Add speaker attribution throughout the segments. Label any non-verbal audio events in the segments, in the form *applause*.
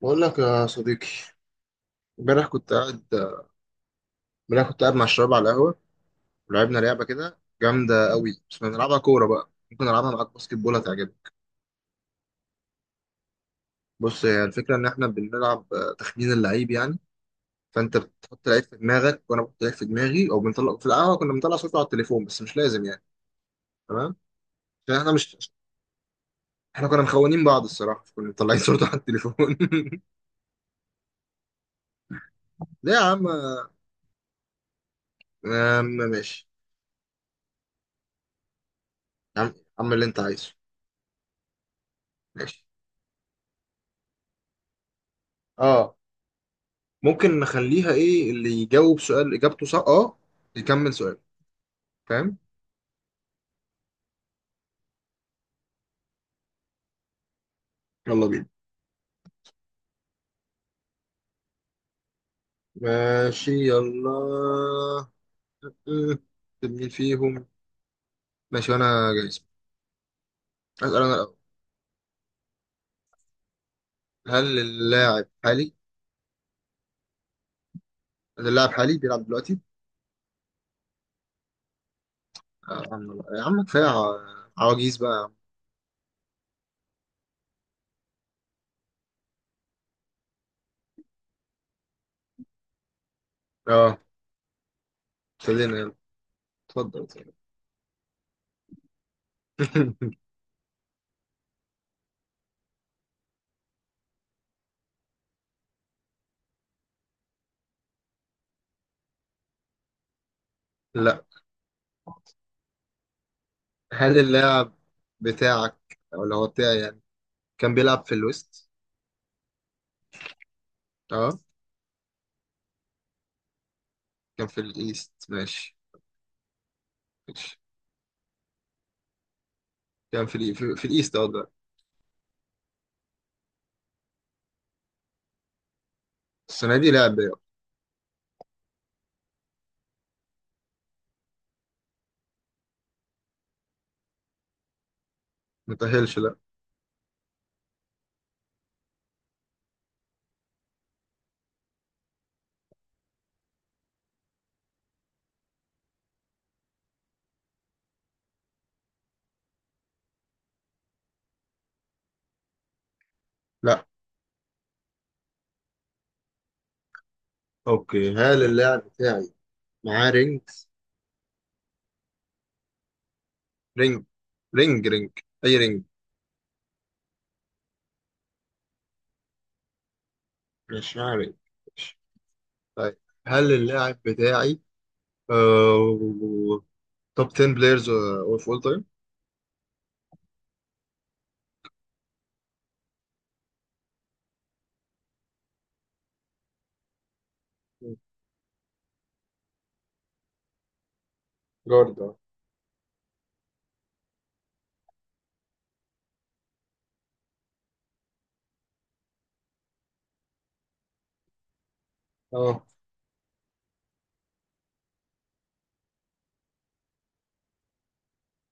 Speaker 1: بقول لك يا صديقي. امبارح كنت قاعد امبارح كنت قاعد مع الشباب على القهوة. ولعبنا لعبة كده جامدة قوي، بس بنلعبها كورة بقى، ممكن ألعبها معاك باسكت بول، هتعجبك. بص، هي الفكرة إن إحنا بنلعب تخمين اللعيب يعني. فأنت بتحط لعيب في دماغك وأنا بحط لعيب في دماغي، أو بنطلع في القهوة كنا بنطلع صورته على التليفون، بس مش لازم يعني. تمام. عشان إحنا مش، إحنا كنا مخونين بعض الصراحة، كنا مطلعين *laughs* صورته على التليفون *laughs* ليه يا عم؟ ماشي. يا عم اعمل اللي أنت عايزه. ماشي. اه ممكن نخليها ايه اللي يجاوب سؤال اجابته صح اه يكمل سؤال. فاهم؟ يلا بينا. ماشي يلا. مم. طب مين فيهم؟ ماشي وانا جايز. اسال انا الاول. هل اللاعب حالي؟ هل اللاعب حالي بيلعب دلوقتي؟ يا عم يا عم كفايه عواجيز بقى. يا عم. اه ابتدينا يلا. اتفضل اتفضل. *laughs* لا. هل اللاعب بتاعك او اللي هو بتاعي يعني كان بيلعب في الويست؟ اه. كان في الايست ماشي. ماشي. كان في الإي- في, في الايست اه دلوقتي. السنه دي لعب بقى. متأهلش لا. لا. اوكي. هل اللاعب بتاعي معاه رينج؟ رينج رينج رينج. اي رينج. مش معاه رينج. ماشي. طيب، هل اللاعب بتاعي توب 10 بلايرز اوف اول تايم؟ جارد اه. اه.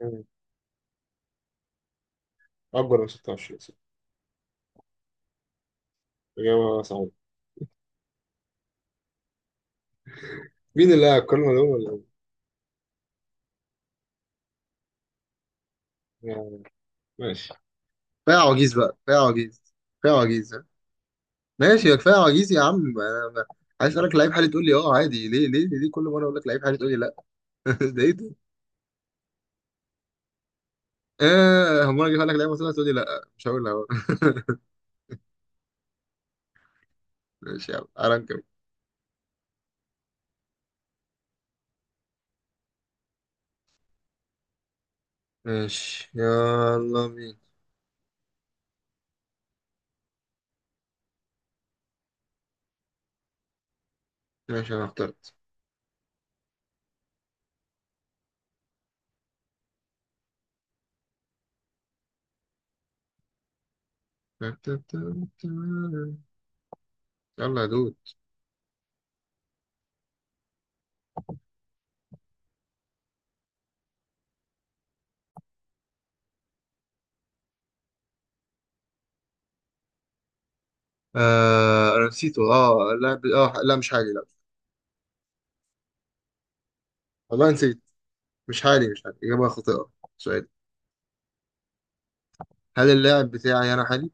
Speaker 1: مم. اكبر من 26 صح. اجابه صحيحه. مين اللي قال الكلمه دول ولا- يعني. ماشي. كفايه عواجيز بقى، كفايه عواجيز، كفايه عواجيز. ماشي يا كفايه عجيز، يا عم أنا- أنا عايز اسالك لعيب حالي تقول لي اه عادي، ليه ليه ليه كل مره اقول لك لعيب حالي تقول لي لا؟ *laughs* ده ايه ده؟ اه هم انا اجيب لك لعيب مثلا تقول لي لا، مش هقول لا. *laughs* ماشي يا عم، تعالى نكمل. ماشي يلا بينا. ماشي انا اخترت. يلا يا دود. آه انا نسيته اه اللاعب، اه لا مش حالي لا. والله نسيت. مش حالي مش حالي، اجابه خاطئه. سؤال. هل اللاعب بتاعي انا حالي؟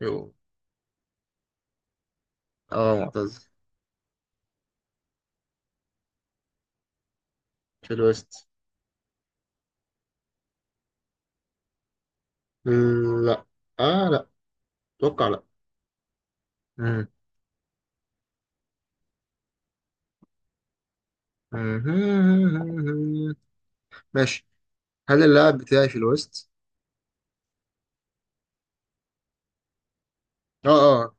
Speaker 1: يو. اه معتزل. في الويست. لا. اه لا. اتوقع لا. مم. مم. ماشي، هل اللاعب بتاعي في الويست؟ اه اه.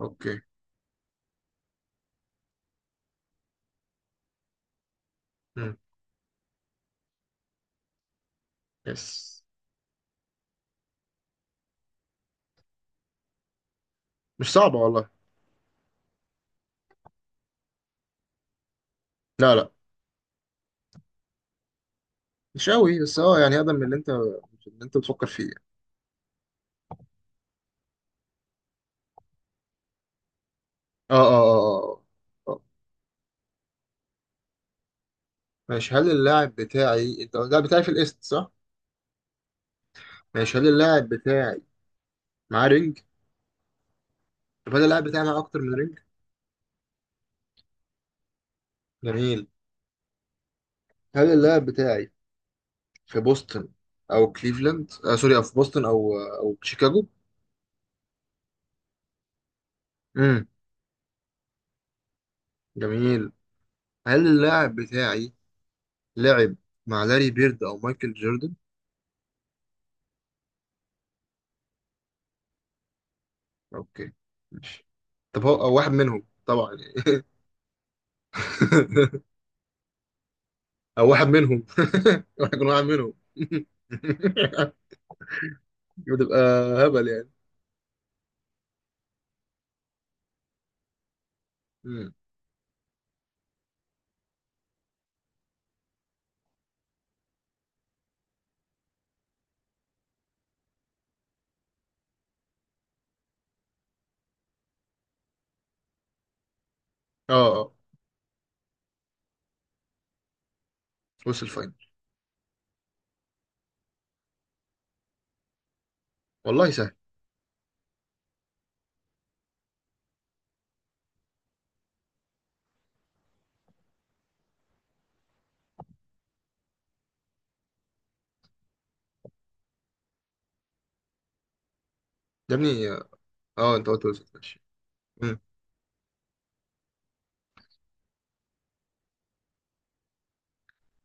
Speaker 1: اوكي. مم. يس. مش صعبة والله. لا لا. مش قوي بس اه يعني اقدم من اللي انت اللي انت بتفكر فيه يعني. اه اه اه اه آه. ماشي، هل اللاعب بتاعي انت، اللاعب بتاعي في الايست صح؟ ماشي، هل اللاعب بتاعي معاه رينج؟ طب هل اللاعب بتاعي معاه اكتر من رينج؟ جميل. هل اللاعب بتاعي في بوسطن او كليفلاند؟ سوري، او في بوسطن او او شيكاغو؟ امم جميل. هل اللاعب بتاعي لعب مع لاري بيرد او مايكل جوردن؟ اوكي ماشي. طب هو او واحد منهم طبعا يعني. *laughs* او واحد منهم *laughs* راح يكون واحد منهم *laughs* بتبقى هبل يعني. مم. اه اه وصل الفاينل. والله سهل. يا ابني اه انت قلت وصل ماشي. مم.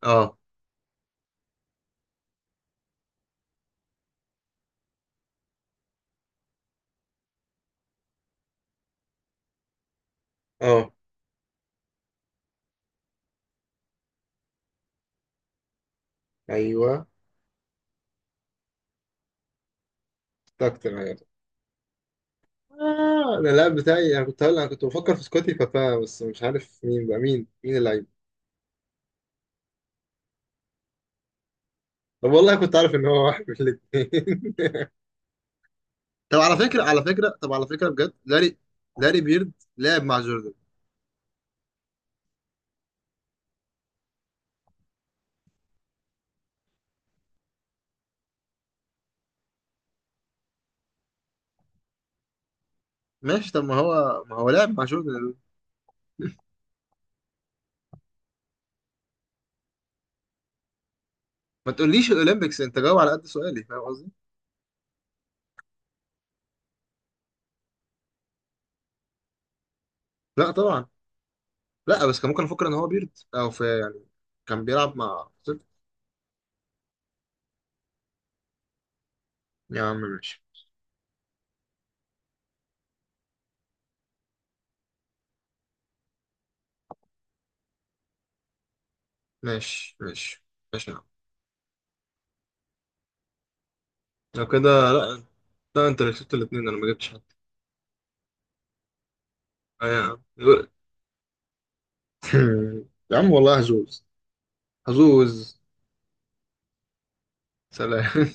Speaker 1: اه اه ايوه اكتر حاجه. أنا اللاعب بتاعي، أنا كنت هقول، أنا كنت بفكر في سكوتي بابا، بس مش عارف مين بقى، مين اللعيب. طب والله كنت عارف إن هو واحد من الاتنين. طب على فكرة طب على فكرة بجد، لاري، لاري بيرد لعب مع جوردن. ماشي طب ما هو لعب مع جوردن. ما تقوليش الأولمبيكس، أنت جاوب على قد سؤالي، فاهم قصدي؟ لا طبعا. لا بس كان ممكن أفكر إن هو بيرد أو في يعني كان بيلعب مع. يا عم ماشي ماشي ماشي ماشي يا عم. لو كده، لا لا، أنت اللي كسبت الاتنين، أنا ما جبتش حد. آه يا عم. *laughs* يا عم والله هزوز، هزوز. سلام.